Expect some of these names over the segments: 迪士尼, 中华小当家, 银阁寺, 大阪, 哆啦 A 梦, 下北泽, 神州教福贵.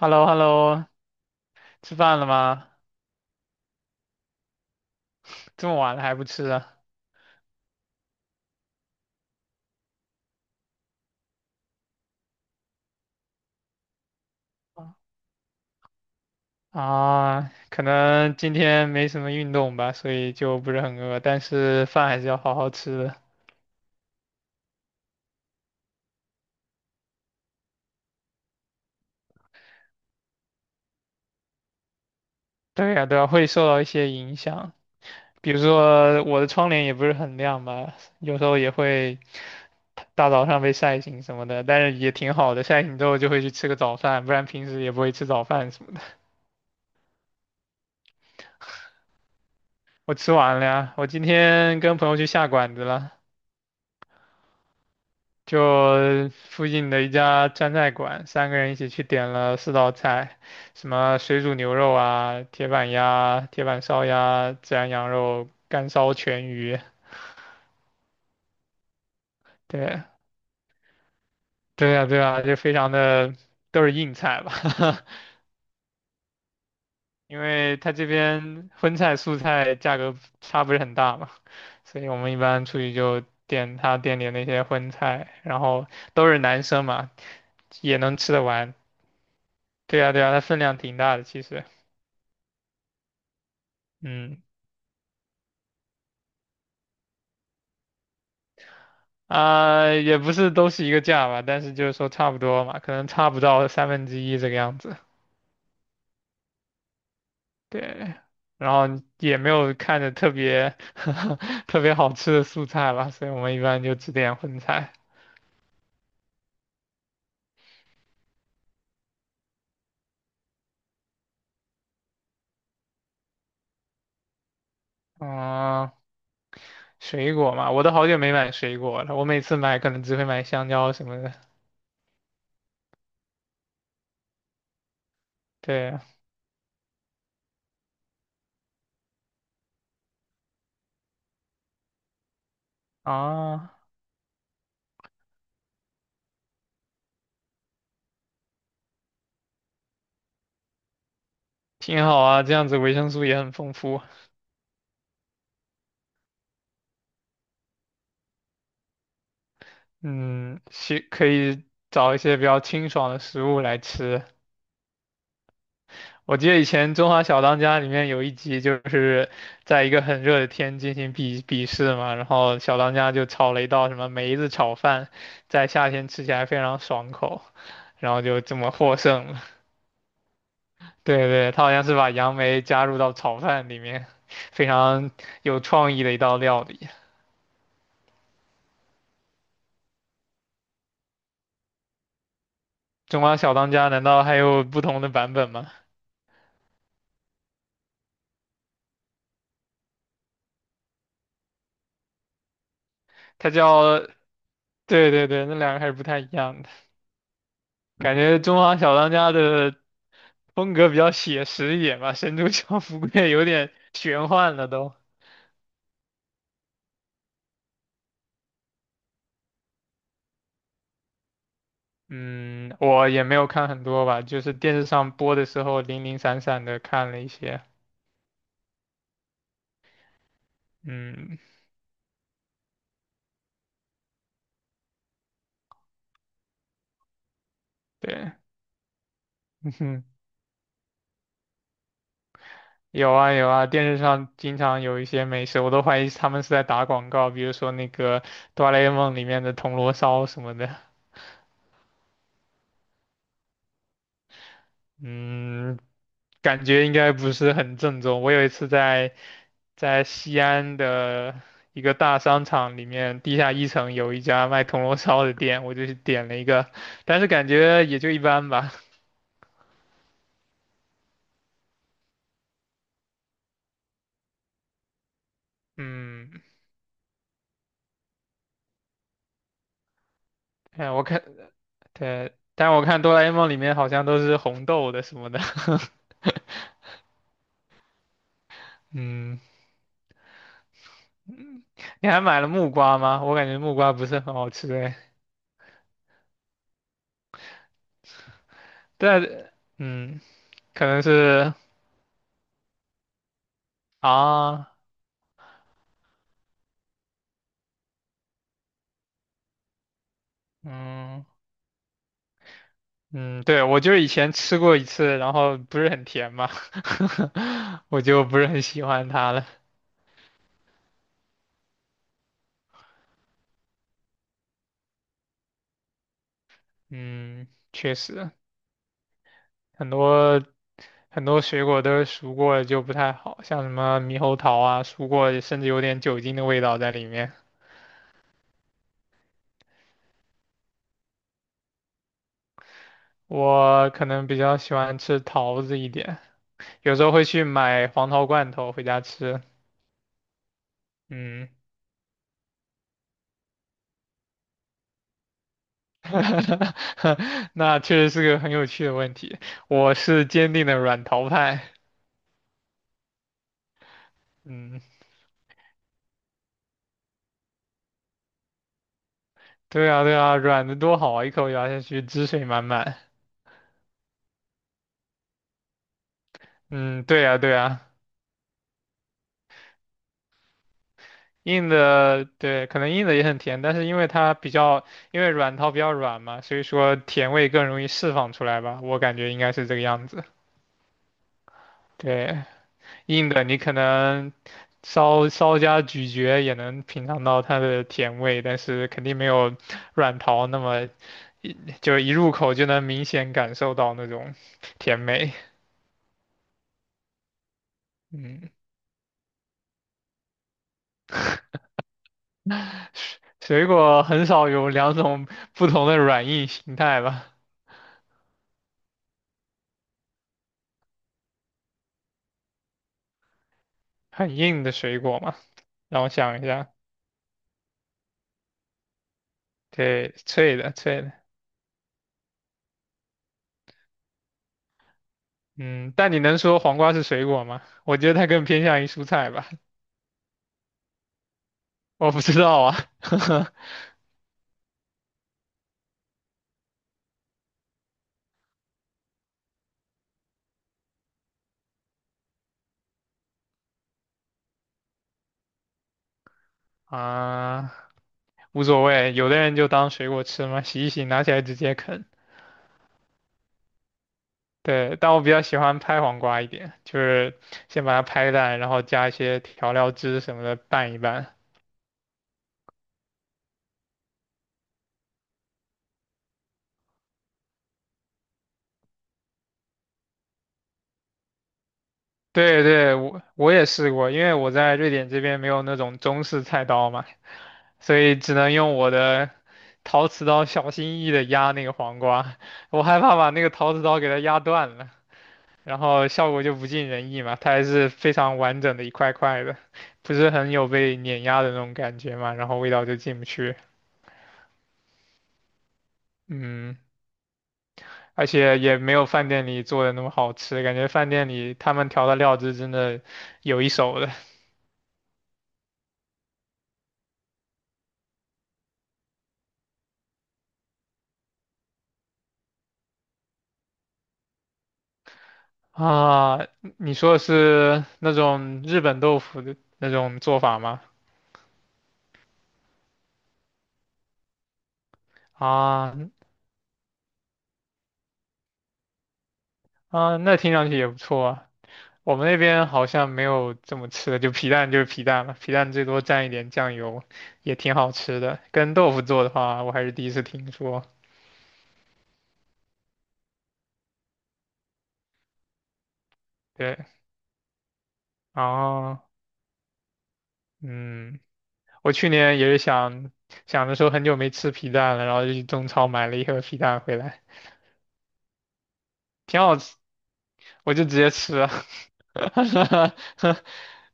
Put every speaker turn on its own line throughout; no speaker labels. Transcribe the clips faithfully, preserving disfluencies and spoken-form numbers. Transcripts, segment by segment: h e l l o h e l l o 吃饭了吗？这么晚了还不吃啊？啊，可能今天没什么运动吧，所以就不是很饿，但是饭还是要好好吃的。对呀，对呀，会受到一些影响，比如说我的窗帘也不是很亮吧，有时候也会大早上被晒醒什么的，但是也挺好的，晒醒之后就会去吃个早饭，不然平时也不会吃早饭什么的。我吃完了呀，我今天跟朋友去下馆子了。就附近的一家川菜馆，三个人一起去点了四道菜，什么水煮牛肉啊、铁板鸭、铁板烧鸭、孜然羊肉、干烧全鱼。对，对呀，对呀，就非常的都是硬菜吧，因为他这边荤菜素菜价格差不是很大嘛，所以我们一般出去就点他店里的那些荤菜，然后都是男生嘛，也能吃得完。对呀，对呀，它分量挺大的，其实。嗯啊、也不是都是一个价吧，但是就是说差不多嘛，可能差不到三分之一这个样子。对，然后也没有看着特别 特别好吃的素菜吧，所以我们一般就只点荤菜。嗯、水果嘛，我都好久没买水果了，我每次买可能只会买香蕉什么的。对啊，挺好啊，这样子维生素也很丰富。嗯，是，可以找一些比较清爽的食物来吃。我记得以前《中华小当家》里面有一集，就是在一个很热的天进行比比试嘛，然后小当家就炒了一道什么梅子炒饭，在夏天吃起来非常爽口，然后就这么获胜了。对对，他好像是把杨梅加入到炒饭里面，非常有创意的一道料理。《中华小当家》难道还有不同的版本吗？它叫，对对对，那两个还是不太一样的。感觉《中华小当家》的风格比较写实一点吧，《神州教福贵》也有点玄幻了都。嗯，我也没有看很多吧，就是电视上播的时候零零散散的看了一些。嗯，对，嗯哼，有啊有啊，电视上经常有一些美食，我都怀疑他们是在打广告，比如说那个《哆啦 A 梦》里面的铜锣烧什么的。嗯，感觉应该不是很正宗。我有一次在在西安的一个大商场里面，地下一层有一家卖铜锣烧的店，我就去点了一个，但是感觉也就一般吧。嗯，哎，我看，对，但我看哆啦 A 梦里面好像都是红豆的什么的。嗯，你还买了木瓜吗？我感觉木瓜不是很好吃哎，但嗯，可能是啊，嗯。嗯，对，我就是以前吃过一次，然后不是很甜嘛，我就不是很喜欢它了。嗯，确实，很多很多水果都是熟过了就不太好，像什么猕猴桃啊，熟过甚至有点酒精的味道在里面。我可能比较喜欢吃桃子一点，有时候会去买黄桃罐头回家吃。嗯，那确实是个很有趣的问题，我是坚定的软桃派。嗯。对啊，对啊，软的多好啊，一口咬下去，汁水满满。嗯，对啊，对啊，硬的，对，可能硬的也很甜，但是因为它比较，因为软陶比较软嘛，所以说甜味更容易释放出来吧，我感觉应该是这个样子。对，硬的你可能稍稍加咀嚼也能品尝到它的甜味，但是肯定没有软陶那么一就一入口就能明显感受到那种甜美。嗯。水果很少有两种不同的软硬形态吧？很硬的水果嘛，让我想一下，对，脆的脆的，嗯，但你能说黄瓜是水果吗？我觉得它更偏向于蔬菜吧，我不知道啊，啊，无所谓，有的人就当水果吃嘛，洗一洗，拿起来直接啃。对，但我比较喜欢拍黄瓜一点，就是先把它拍烂，然后加一些调料汁什么的拌一拌。对对，我我也试过，因为我在瑞典这边没有那种中式菜刀嘛，所以只能用我的陶瓷刀小心翼翼的压那个黄瓜，我害怕把那个陶瓷刀给它压断了，然后效果就不尽人意嘛，它还是非常完整的一块块的，不是很有被碾压的那种感觉嘛，然后味道就进不去，嗯，而且也没有饭店里做的那么好吃，感觉饭店里他们调的料汁真的有一手的。啊，你说的是那种日本豆腐的那种做法吗？啊啊，那听上去也不错啊。我们那边好像没有这么吃的，就皮蛋就是皮蛋了，皮蛋最多蘸一点酱油，也挺好吃的。跟豆腐做的话，我还是第一次听说。对，啊，嗯，我去年也是想想着说很久没吃皮蛋了，然后就去中超买了一盒皮蛋回来，挺好，吃。我就直接吃啊，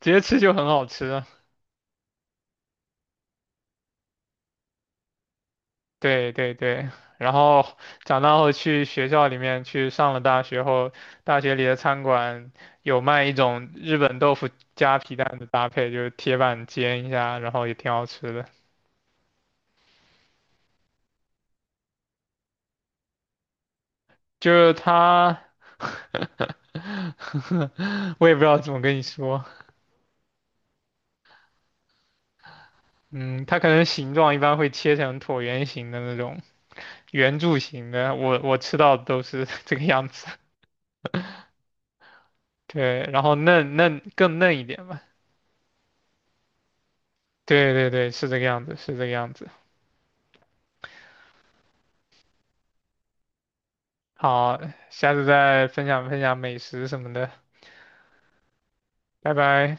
直接吃就很好吃啊。对对对，然后长大后去学校里面去上了大学后，大学里的餐馆有卖一种日本豆腐加皮蛋的搭配，就是铁板煎一下，然后也挺好吃的。就是它，我也不知道怎么跟你说，嗯，它可能形状一般会切成椭圆形的那种圆柱形的，我我吃到的都是 这个样子。对，然后嫩嫩更嫩一点吧。对对对，是这个样子，是这个样子。好，下次再分享分享美食什么的，拜拜。